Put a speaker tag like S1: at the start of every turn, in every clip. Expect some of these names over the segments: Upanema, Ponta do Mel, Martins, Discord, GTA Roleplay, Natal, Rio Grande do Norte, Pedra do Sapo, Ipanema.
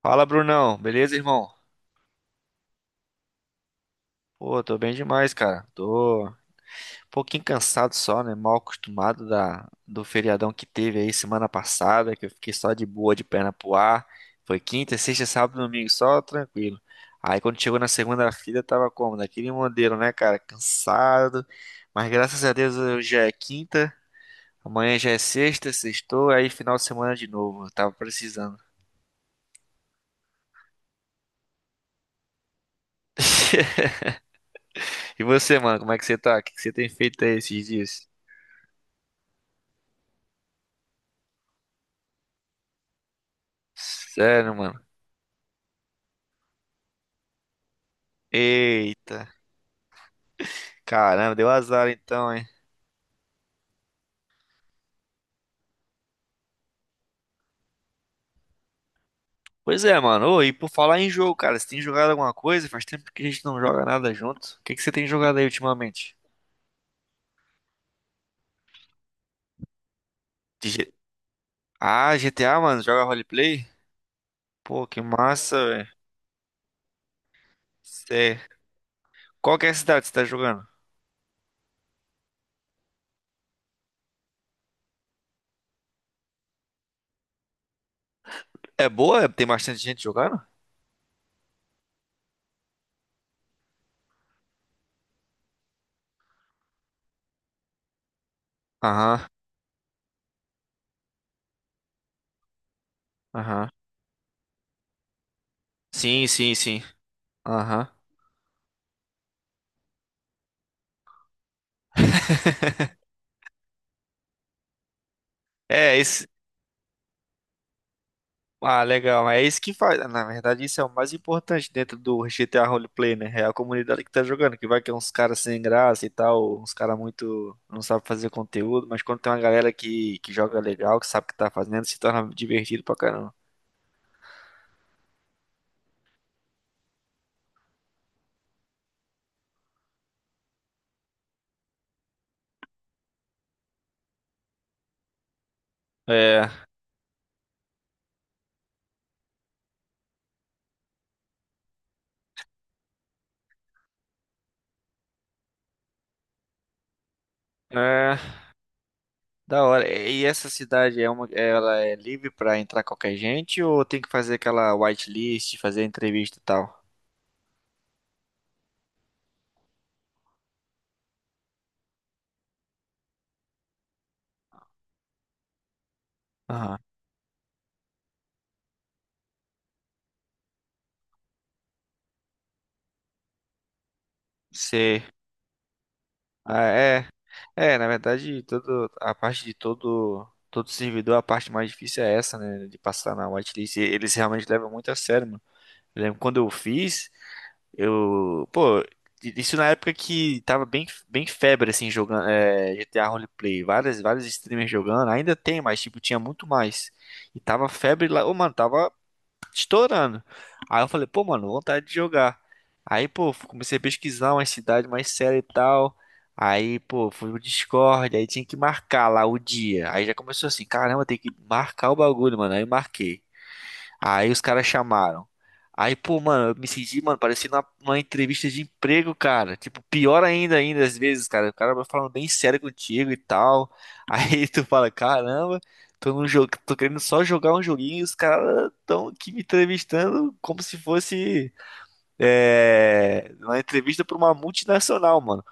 S1: Fala, Brunão. Beleza, irmão? Pô, tô bem demais, cara. Tô um pouquinho cansado só, né? Mal acostumado do feriadão que teve aí semana passada, que eu fiquei só de boa, de perna pro ar. Foi quinta, sexta, sábado, domingo, só tranquilo. Aí quando chegou na segunda-feira, tava como? Daquele modelo, né, cara? Cansado. Mas graças a Deus hoje já é quinta, amanhã já é sexta, sextou, aí final de semana de novo. Eu tava precisando. E você, mano, como é que você tá? O que que você tem feito aí esses dias? Sério, mano. Eita, caramba, deu azar então, hein? Pois é, mano. Ô, e por falar em jogo, cara, você tem jogado alguma coisa? Faz tempo que a gente não joga nada junto. O que que você tem jogado aí ultimamente? De G- Ah, GTA, mano, joga roleplay? Pô, que massa, velho. Cê... é, Qual que é a cidade que você tá jogando? É boa? Tem bastante gente jogando? Aham, aham. Sim, sim, sim. Aham. É, esse. Ah, legal. É isso que faz. Na verdade, isso é o mais importante dentro do GTA Roleplay, né? É a comunidade que tá jogando, que vai que é uns caras sem graça e tal, uns caras muito não sabe fazer conteúdo, mas quando tem uma galera que, joga legal, que sabe o que tá fazendo, se torna divertido pra caramba. É, é, da hora. E essa cidade é uma, ela é livre pra entrar qualquer gente ou tem que fazer aquela whitelist, fazer entrevista e tal? Aham. Sei. Ah, é, é, na verdade, a parte de todo, todo servidor, a parte mais difícil é essa, né, de passar na whitelist. E eles realmente levam muito a sério, mano. Eu lembro quando eu fiz, eu, pô, isso na época que tava bem, bem febre, assim, jogando, GTA Roleplay, várias, vários streamers jogando, ainda tem, mas, tipo, tinha muito mais. E tava febre lá, ô, mano, tava estourando. Aí eu falei, pô, mano, vontade de jogar. Aí, pô, comecei a pesquisar uma cidade mais séria e tal. Aí, pô, fui no Discord, aí tinha que marcar lá o dia. Aí já começou assim, caramba, tem que marcar o bagulho, mano. Aí eu marquei. Aí os caras chamaram. Aí, pô, mano, eu me senti, mano, parecia uma entrevista de emprego, cara. Tipo, pior ainda, ainda às vezes, cara. O cara vai falando bem sério contigo e tal. Aí tu fala, caramba, tô num jogo, tô querendo só jogar um joguinho e os caras tão aqui me entrevistando como se fosse, uma entrevista pra uma multinacional, mano.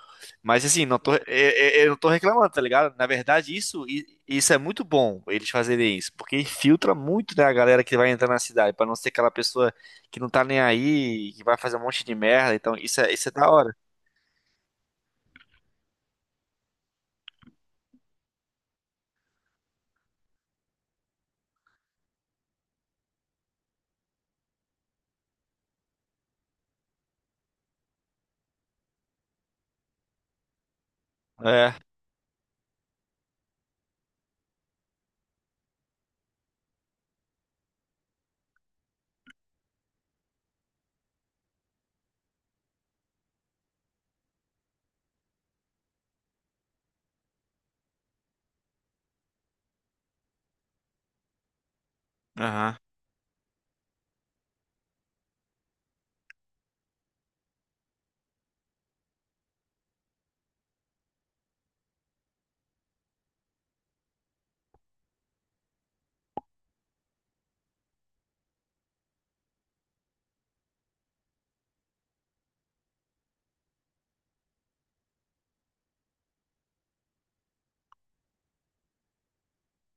S1: Mas assim, não tô, é- é- eu não tô reclamando, tá ligado? Na verdade, isso é muito bom eles fazerem isso, porque filtra muito, né, a galera que vai entrar na cidade, pra não ser aquela pessoa que não tá nem aí, que vai fazer um monte de merda. Então, isso é da hora. É, aham,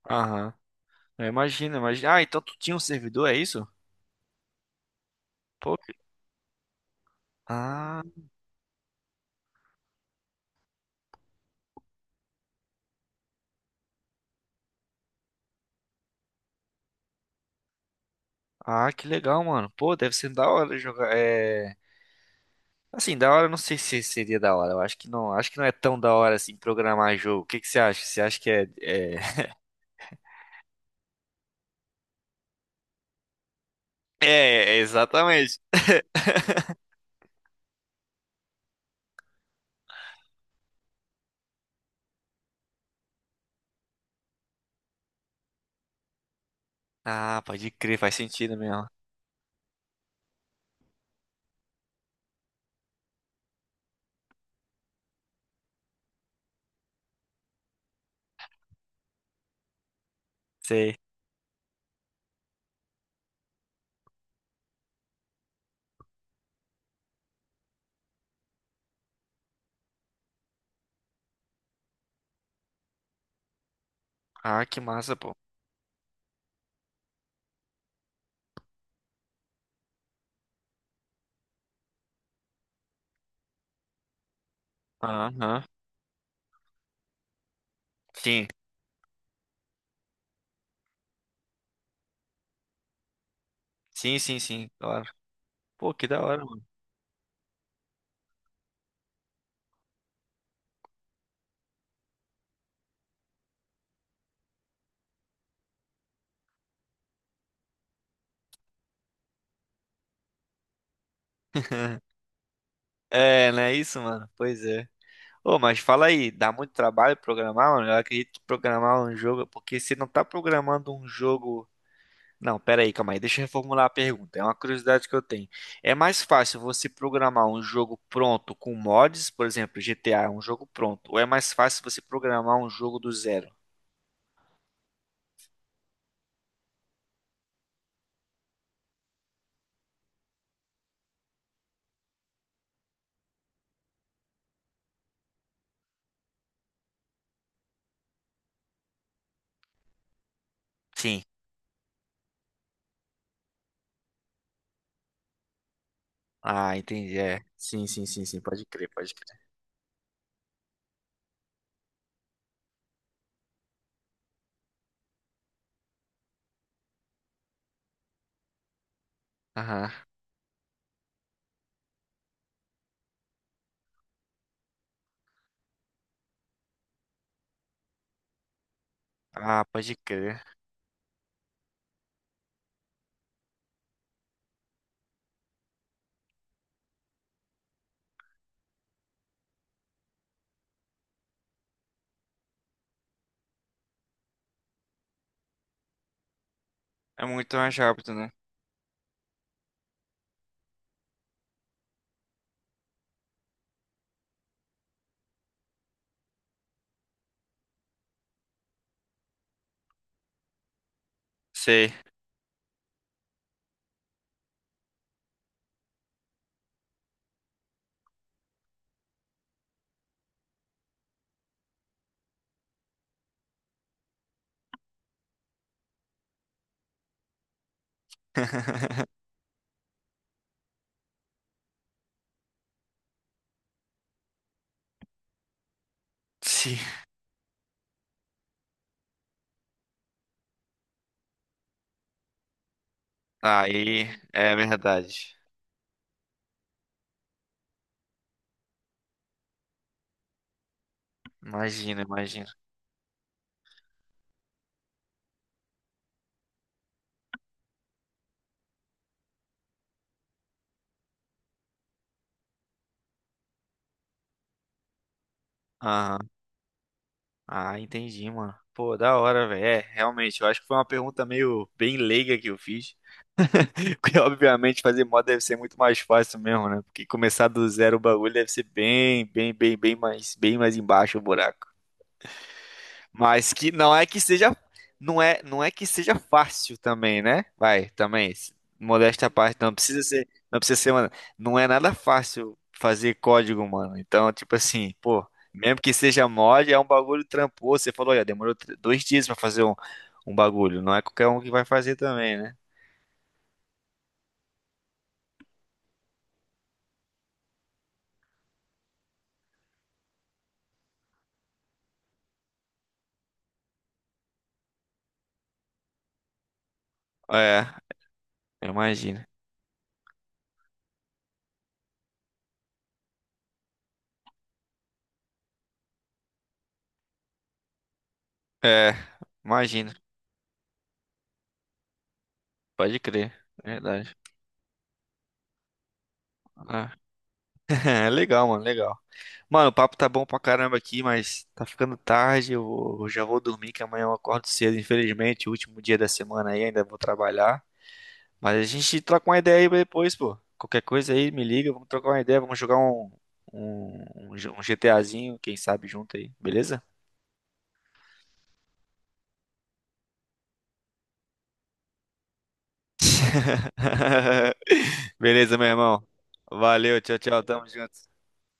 S1: aham. Eu imagino, imagina. Ah, então tu tinha um servidor, é isso? Pô, que- ah, ah, que legal, mano. Pô, deve ser da hora jogar. É, assim, da hora, eu não sei se seria da hora. Eu acho que não é tão da hora assim programar jogo. O que que você acha? É, exatamente. Ah, pode crer, faz sentido mesmo. Sei. Ah, que massa, pô. Aham. Sim. Sim, sim, sim, claro. Pô, que da hora, mano. É, não é isso, mano? Pois é. Ô, mas fala aí, dá muito trabalho programar, mano? Eu acredito que programar um jogo, porque você não tá programando um jogo. Não, pera aí, calma aí, deixa eu reformular a pergunta. É uma curiosidade que eu tenho. É mais fácil você programar um jogo pronto com mods, por exemplo, GTA é um jogo pronto, ou é mais fácil você programar um jogo do zero? Sim. Ah, entendi. É. Sim, sim, sim, sim, pode crer, pode crer. Aham. Ah, pode crer. É muito mais rápido, né? Sei. Sim. Aí é verdade. Imagina, imagina. Aham. Ah, entendi, mano. Pô, da hora, velho. É, realmente, eu acho que foi uma pergunta meio bem leiga que eu fiz. Porque, obviamente, fazer mod deve ser muito mais fácil mesmo, né? Porque começar do zero o bagulho deve ser bem, bem, bem, bem mais embaixo o buraco. Mas que não é que seja, não é, não é que seja fácil também, né? Modéstia à parte, não precisa ser, mano, não é nada fácil fazer código, mano. Então, tipo assim, pô, mesmo que seja mod, é um bagulho tramposo. Você falou, olha, 2 dias pra fazer um bagulho. Não é qualquer um que vai fazer também, né? É, eu imagino. É, imagino. Pode crer, é verdade. Ah. Legal. Mano, o papo tá bom pra caramba aqui, mas tá ficando tarde. Eu já vou dormir, que amanhã eu acordo cedo. Infelizmente, último dia da semana aí, ainda vou trabalhar. Mas a gente troca uma ideia aí depois, pô. Qualquer coisa aí, me liga, vamos trocar uma ideia, vamos jogar um, um, um G- um GTAzinho, quem sabe, junto aí, beleza? Beleza, meu irmão. Valeu, tchau, tchau, tamo junto.